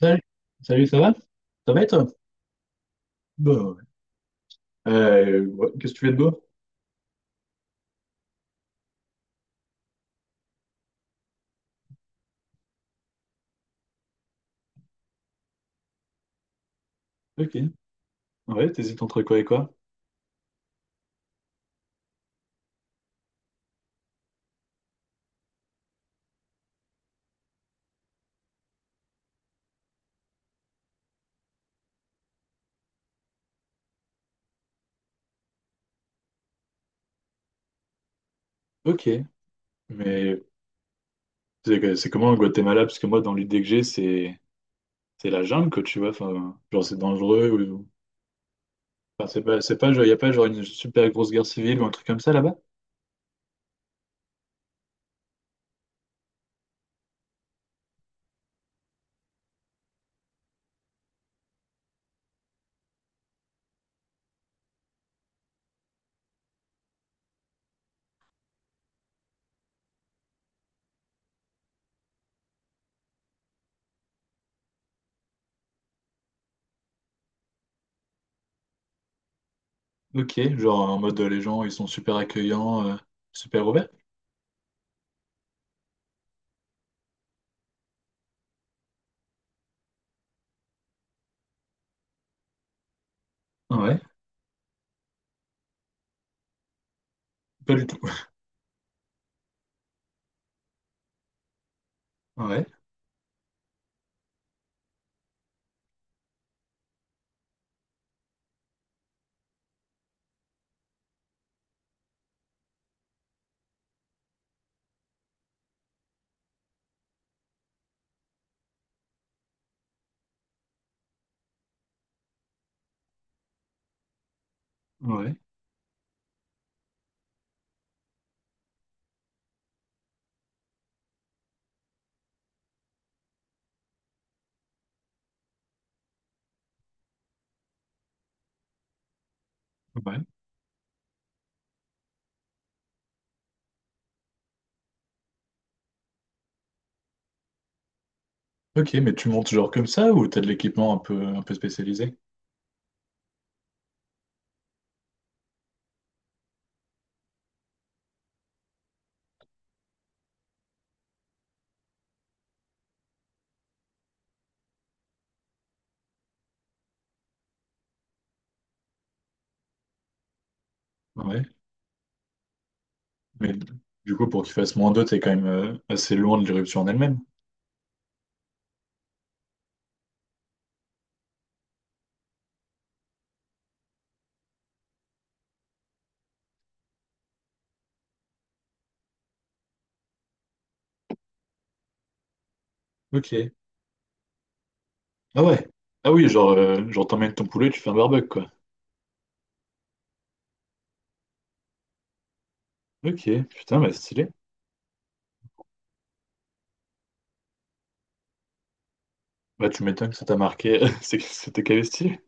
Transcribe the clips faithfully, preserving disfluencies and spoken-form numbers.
Salut, salut, ça va? Ça va et toi? Bah ouais. Euh, ouais, qu'est-ce que tu fais de beau? Ok. Ouais, t'hésites entre quoi et quoi? Ok. Mais c'est que- c'est comment au Guatemala? Parce que moi, dans l'idée que j'ai, c'est c'est la jungle, quoi, tu vois. Enfin, genre, c'est dangereux. Ou... Enfin, c'est pas, c'est pas, genre, y a pas genre une super grosse guerre civile ou un truc comme ça là-bas? Ok. Genre, en mode, euh, les gens, ils sont super accueillants, euh, super ouverts? Ouais. Pas du tout. Ouais. Ouais. Ouais. Ok, mais tu montes genre comme ça ou t'as de l'équipement un peu, un peu spécialisé? Ouais. Mais du coup, pour qu'il fasse moins deux, t'es quand même euh, assez loin de l'éruption en elle-même. Ok. Ah ouais. Ah oui, genre, euh, genre t'emmènes ton poulet, tu fais un barbecue, quoi. Ok, putain, bah stylé. Bah tu m'étonnes que ça t'a marqué, c'est- que c'était calé stylé.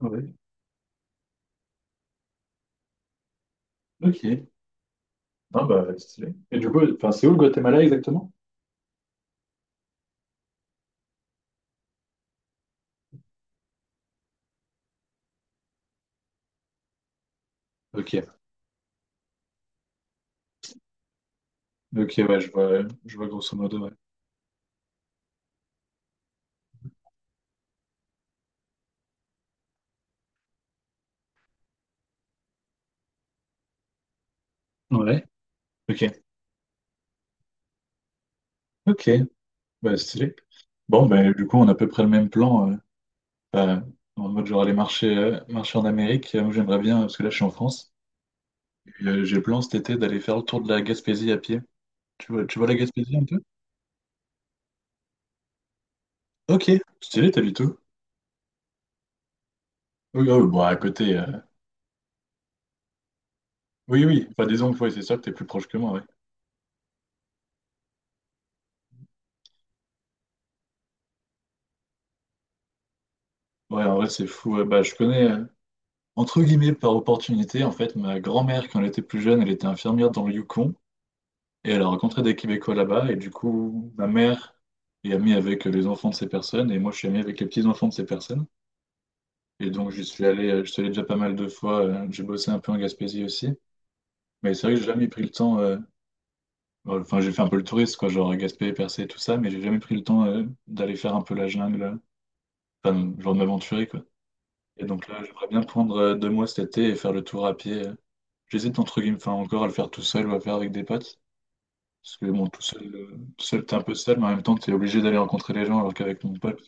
Ouais. Ok. Non, bah stylé. Et du coup, enfin, c'est où le Guatemala exactement? Ok. Ok, ouais, je vois, je vois grosso modo, ouais. Ouais. Ok. Ok, bah stylé. Bon, bah du coup, on a à peu près le même plan. euh, bah, en mode, genre aller marcher, euh, marcher en Amérique. Euh, Moi, j'aimerais bien, parce que là, je suis en France. Puis, euh, j'ai le plan cet été d'aller faire le tour de la Gaspésie à pied. Tu vois, tu vois la Gaspésie un peu? Ok, stylé, t'habites où? Oui, oh, bon, à côté. euh, Oui, oui, enfin disons, que ouais, c'est sûr que t'es plus proche que moi, ouais. Ouais, en vrai, c'est fou. Ouais. Bah, je connais, euh, entre guillemets, par opportunité, en fait, ma grand-mère, quand elle était plus jeune, elle était infirmière dans le Yukon, et elle a rencontré des Québécois là-bas, et du coup, ma mère est amie avec euh, les enfants de ces personnes, et moi, je suis ami avec les petits-enfants de ces personnes. Et donc, j'y suis allé, euh, je suis allé déjà pas mal de fois, euh, j'ai bossé un peu en Gaspésie aussi. Mais c'est vrai que j'ai jamais pris le temps. euh, Bon, enfin, j'ai fait un peu le touriste, quoi, genre Gaspé, Percé, tout ça, mais j'ai jamais pris le temps euh, d'aller faire un peu la jungle, euh, enfin, genre de m'aventurer, quoi. Et donc là, j'aimerais bien prendre euh, deux mois cet été et faire le tour à pied. euh. J'hésite entre guillemets, enfin, encore à le faire tout seul ou à faire avec des potes. Parce que bon, tout seul, euh, tout seul, t'es un peu seul, mais en même temps, t'es obligé d'aller rencontrer les gens, alors qu'avec mon pote.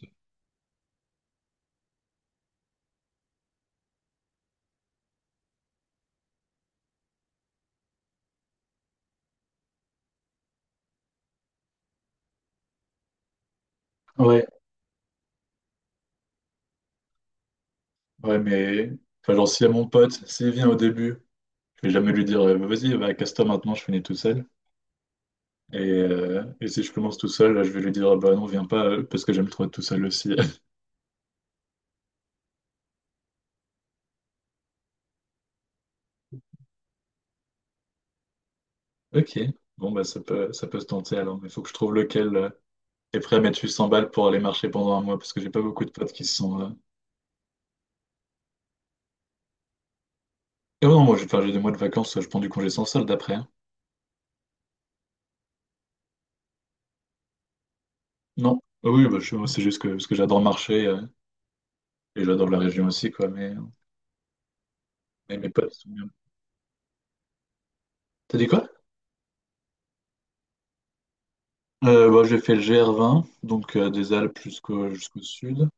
Ouais, ouais, mais. Enfin, genre, si à mon pote, s'il vient au début, je vais jamais lui dire, euh, vas-y, bah, casse-toi maintenant, je finis tout seul. Et, euh, et si je commence tout seul, là, je vais lui dire, ah bah non, viens pas, euh, parce que j'aime trop être tout seul aussi. Ok, bon bah ça peut, ça peut se tenter alors, mais il faut que je trouve lequel euh, est prêt à mettre cent balles pour aller marcher pendant un mois, parce que j'ai pas beaucoup de potes qui sont... euh, et ouais, non, moi j'ai enfin, j'ai des mois de vacances, je prends du congé sans solde après, hein. Non, ah oui, bah, je- moi, c'est juste que, parce que j'adore marcher, euh, et j'adore la région aussi, quoi, mais, mais mes potes sont bien. T'as dit quoi? Euh, bah, j'ai fait le G R vingt, donc euh, des Alpes jusqu'au jusqu'au sud,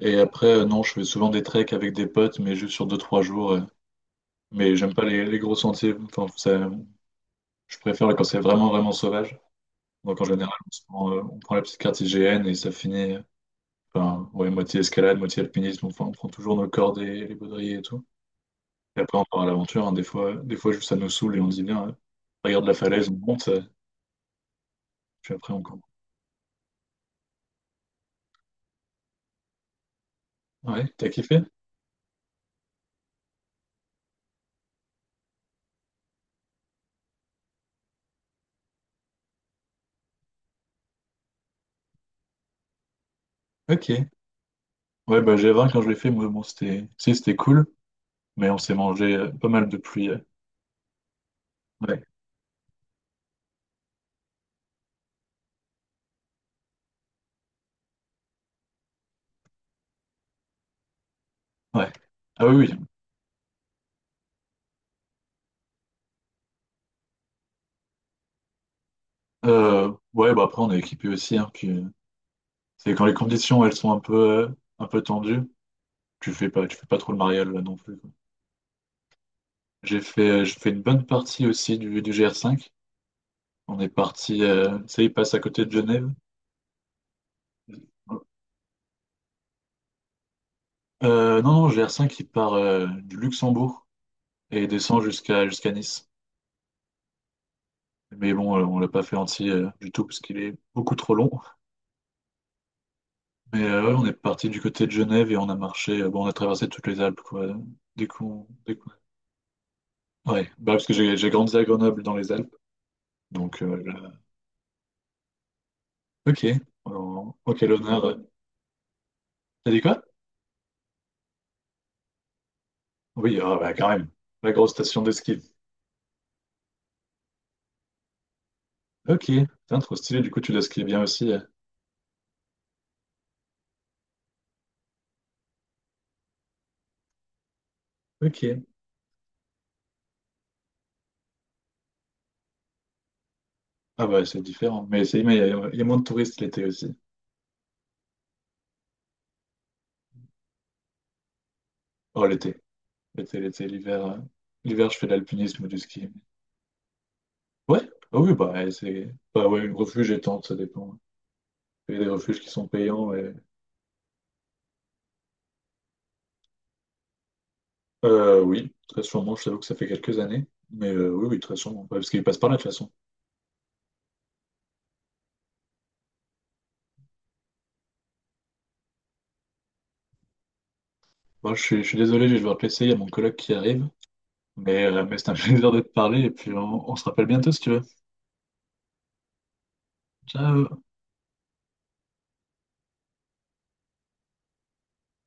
et après, euh, non, je fais souvent des treks avec des potes, mais juste sur deux trois jours, euh, mais j'aime pas les, les gros sentiers, enfin, ça, je préfère quand c'est vraiment, vraiment sauvage. Donc en général, on, se prend, euh, on prend la petite carte I G N et ça finit, enfin, ouais, moitié escalade, moitié alpinisme, enfin, on prend toujours nos cordes et les baudriers et tout. Et après, on part à l'aventure, hein. Des fois, des fois, juste ça nous saoule et on se dit, bien, euh, regarde la falaise, on monte, euh, puis après, on campe. Ouais, t'as kiffé? Ok. Ouais, bah G vingt, quand je l'ai fait, moi, bon, c'était, si, c'était cool, mais on s'est mangé euh, pas mal de pluie. Euh, ouais, ouais. Ah oui, oui. Euh, ouais, bah après, on est équipé aussi, hein, puis euh, c'est quand les conditions, elles sont un peu, euh, un peu tendues, tu fais pas, tu fais pas trop le mariole, là, non plus. J'ai fait, j'ai fait une bonne partie aussi du, du G R cinq. On est parti, euh, tu sais, il passe à côté de Genève. Euh, non, non, G R cinq, il part euh, du Luxembourg et descend jusqu'à jusqu'à Nice. Mais bon, euh, on l'a pas fait entier euh, du tout parce qu'il est beaucoup trop long. Mais euh, ouais, on est parti du côté de Genève et on a marché, euh, bon, on a traversé toutes les Alpes, quoi. Dès qu'on, dès qu'on- Ouais, bah, parce que j'ai j'ai grandi à Grenoble dans les Alpes. Donc, euh, là- ok, alors, ok, l'honneur. T'as dit quoi? Oui, ah, bah, quand même, la grosse station de ski. Ok, putain, trop stylé, du coup tu l'as skié bien aussi. Euh, ok. Ah bah c'est différent. Mais c'est mais il y, a il y a moins de touristes l'été aussi. Oh l'été. L'été, l'été, l'hiver. euh, L'hiver je fais de l'alpinisme ou du ski. Ouais, ah oui, bah ouais, c'est. Bah ouais, refuge et tente, ça dépend. Il y a des refuges qui sont payants et- Euh oui, très sûrement, je t'avoue que ça fait quelques années. Mais euh, oui, oui, très sûrement. Ouais, parce qu'il passe par là de toute façon. Bon, je suis, je suis désolé, je vais devoir te laisser, il y a mon collègue qui arrive. Mais, euh, mais c'est un plaisir de te parler et puis on on se rappelle bientôt si tu veux. Ciao!